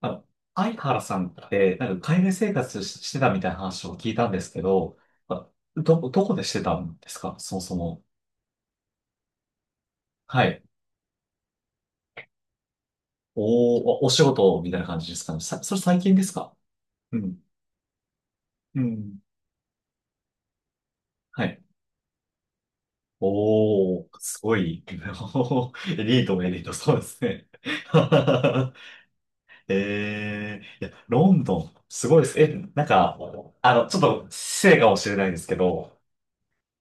あの、相原さんって、なんか海外生活してたみたいな話を聞いたんですけど、あどこでしてたんですかそもそも？はい。おー、お仕事みたいな感じですかね。それ最近ですか？うん。うん。はい。おー、すごい。エリートもエリート、そうですね。いや、ロンドン、すごいです。なんか、ちょっと失礼かもしれないんですけど、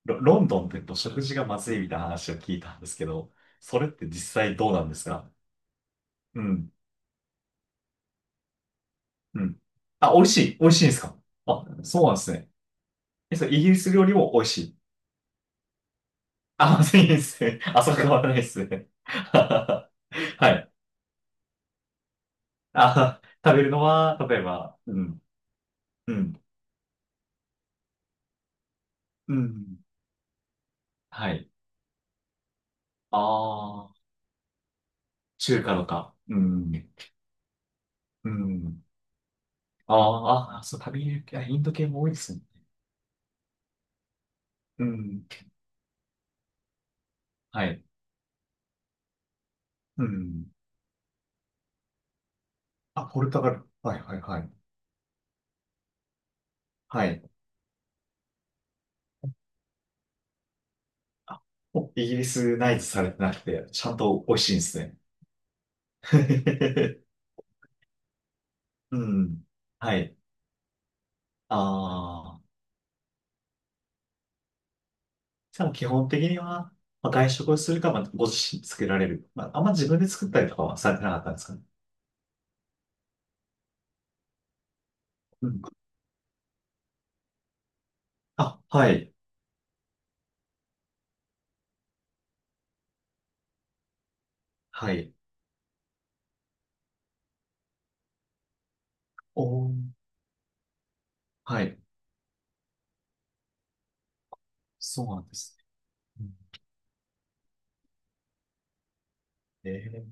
ロンドンってと食事がまずいみたいな話を聞いたんですけど、それって実際どうなんですか？うん、うん。あ、美味しいんですか？あ、そうなんですね。それイギリス料理も美味しい。あ、まずいですね。あ、そこはないですね。はい。あ、食べるのは、例えば、うん、うん、うん。はい。ああ、中華とか。うん、うん。あーあ、そう、食べる、あインド系も多いですね。うん。はい。うん。あ、ポルトガル。はいはいはい。はい。お、イギリスナイズされてなくて、ちゃんと美味しいんですね。うん。はい。ああ。でも基本的には、まあ、外食をするか、まあ、ご自身で作られる。まあ、あんま自分で作ったりとかはされてなかったんですかね。うん。あ、はい。はい。おー。はい。そうなんですね。うん。えー、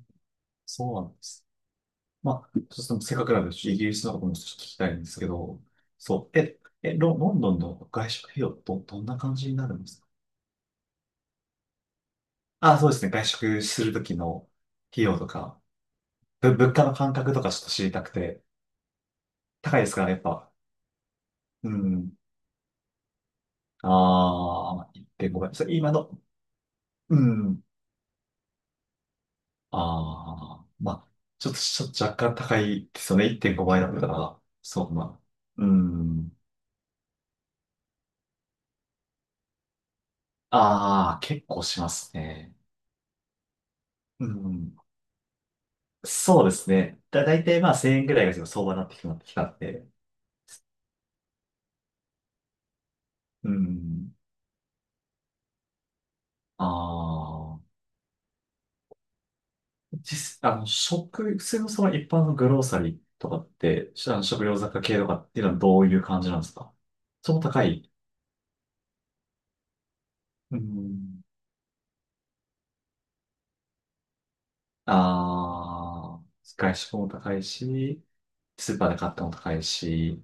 そうなんですね。まあ、ちょっとせっかくなんで、イギリスのことも少し聞きたいんですけど、そう、ロンドンの外食費用、どんな感じになるんですか？あ、そうですね、外食するときの費用とか、物価の感覚とかちょっと知りたくて、高いですか、やっぱ？うん。ああ、1.5倍。それ今の、うん。ああ、まあ、ちょっと若干高いですよね、1.5倍だったら。そう、まあ、うん。ああ、結構しますね。うん。そうですね。だいたいまあ1000円ぐらいが相場になってきまってきたんで。うん。ああ。実、あの、食、普通のその一般のグローサリーとかって、しあの食料雑貨系とかっていうのはどういう感じなんですか？その、高い？うん。ああ。外食も高いし、スーパーで買ったも高いし、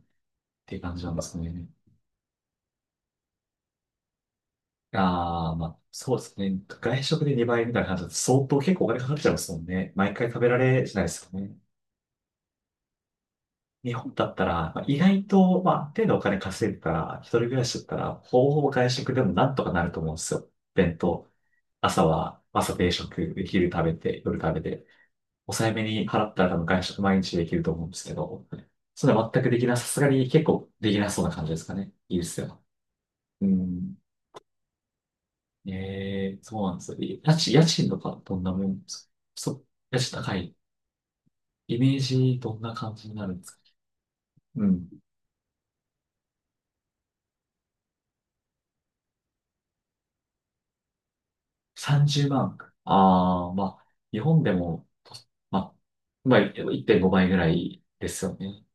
っていう感じなんですね。ああ、まあ、そうですね。外食で2倍みたいな感じだと相当結構お金かかっちゃいますもんね。毎回食べられしないですよね。日本だったら、まあ意外と、まあ、ある程度お金稼いでたら、一人暮らしだったら、ほぼほぼ外食でもなんとかなると思うんですよ。弁当。朝は、朝定食、昼食べて、夜食べて、抑えめに払ったら多分外食毎日できると思うんですけど、それは全くできなさすがに結構できなそうな感じですかね。いいですよ。うん。ええ、そうなんですよ。家賃とかどんなもんですか？そう、家賃高い。イメージどんな感じになるんですか？うん。30万。ああ、まあ、日本でも、と、まあ、まあ、1.5倍ぐらいですよね。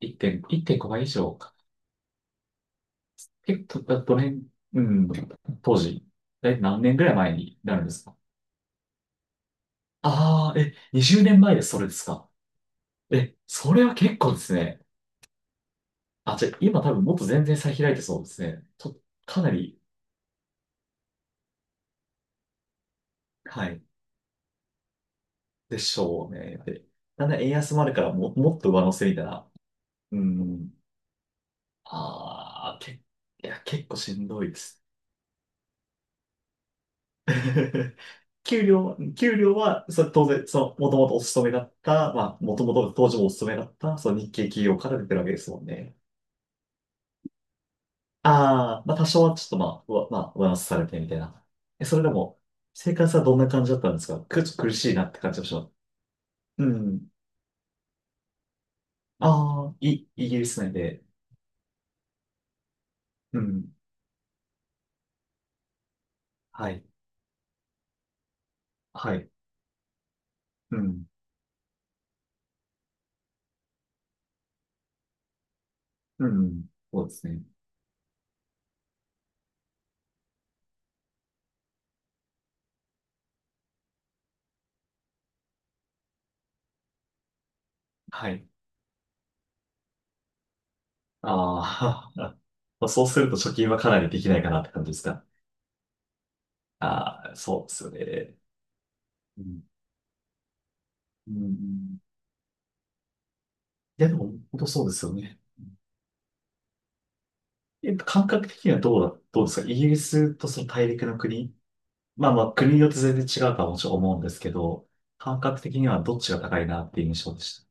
1.5、1.5倍以上か。結構、どの辺、うん、当時、何年ぐらい前になるんですか？ああー、20年前でそれですか？それは結構ですね。あ、じゃあ、今多分もっと全然差開いてそうですね。と、かなり、はい、でしょうね。で、だんだん円安もあるからも、もっと上乗せみたいな、うん、ああ、いや、結構しんどいです。給料は、それ当然、その、もともとお勤めだった、まあ、もともと当時もお勤めだった、その日系企業から出てるわけですもんね。ああ、まあ、多少はちょっとまあ、うわ、まあ、上乗せされてみたいな。それでも、生活はどんな感じだったんですか？ちょっと苦しいなって感じでした。う。うん。ああ、イギリス内で。うん。はい。はい。うん。うん。そうですね。はい。ああ。まあそうすると貯金はかなりできないかなって感じですか？ああ、そうですよね。うん。うん。いや、でも、本当そうですよね。感覚的にはどうですかイギリスとその大陸の国？まあまあ、国によって全然違うとはもちろん思うんですけど、感覚的にはどっちが高いなっていう印象でし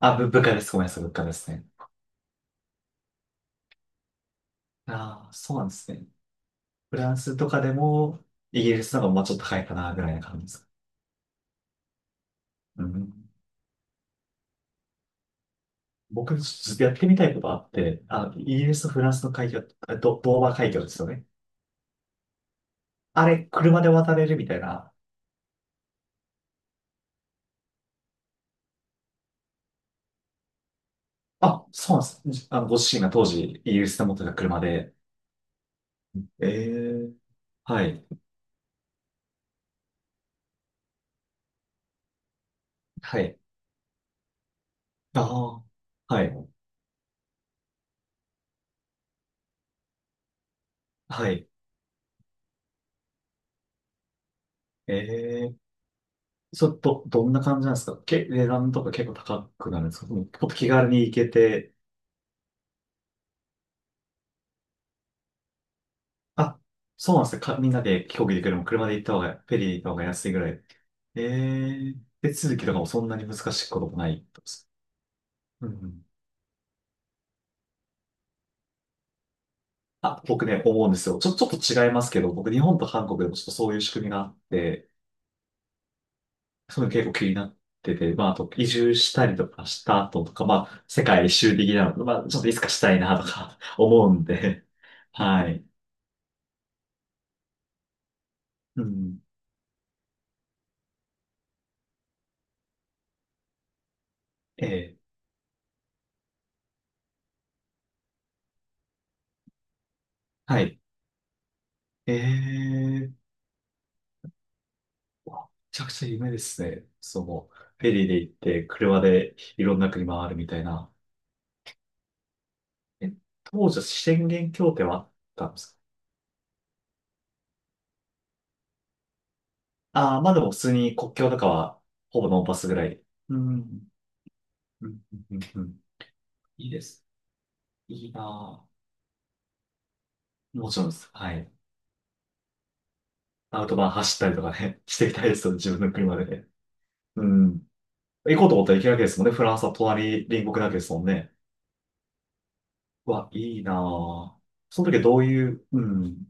た。あ、物価です。ごめんなさい、物価ですね。ああ、そうなんですね。フランスとかでも、イギリスの方がまあちょっと高いかな、ぐらいな感じですか？うん。僕、ちょっとやってみたいことあって、あ、イギリスとフランスの海峡、ドーバー海峡ですよね。あれ、車で渡れるみたいな。あ、そうなんです。ご自身が当時、イギリスで持ってた車で。ええ。はい。はい。ああ、はい。はい。ええ。ちょっと、どんな感じなんですか？値段とか結構高くなるんですか？もうちょっと気軽に行けて。あ、そうなんですね。みんなで飛行機で行くよりも車で行った方が、フェリーで行った方が安いぐらい。ええ。手続きとかもそんなに難しいこともない。うん。あ、僕ね、思うんですよ。ちょっと違いますけど、僕日本と韓国でもちょっとそういう仕組みがあって、そういうの結構気になってて、まあ、あと移住したりとかした後とか、まあ、世界一周的なの、まあ、ちょっといつかしたいなとか 思うんで、はい。うん。ええ、はい。ええ、わめちゃくちゃ夢ですね。その、フェリーで行って、車でいろんな国回るみたいな。え、当時は宣言協定はあったんですか？ああ、まあでも普通に国境とかは、ほぼノーパスぐらい。うん。うん。うん。うん。いいです。いいなぁ。もちろんです。はい。アウトバーン走ったりとかね、していきたいですよ、自分の車でね。うん。行こうと思ったら行けるわけですもんね。フランスは隣国なわけですもんね。うわ、いいなぁ。その時はどういう、うん。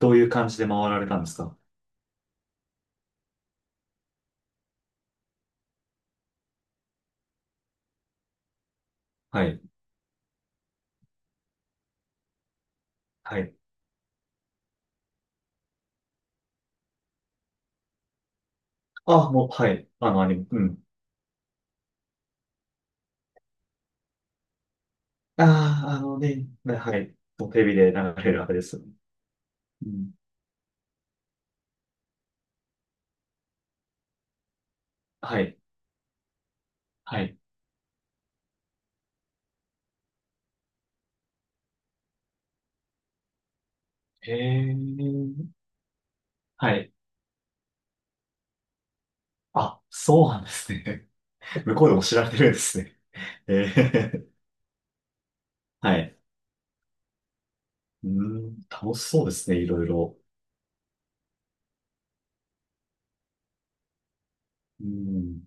どういう感じで回られたんですか？はい。はい。あ、もう、はい。あの、アニメ。うん。ああ、あのね、はい。もうテレビで流れるあれです。うん。はい。はい。へえ。はい。あ、そうなんですね。向こうでも知られてるんですね。ええ。はい。うーん、楽しそうですね、いろいろ。うん。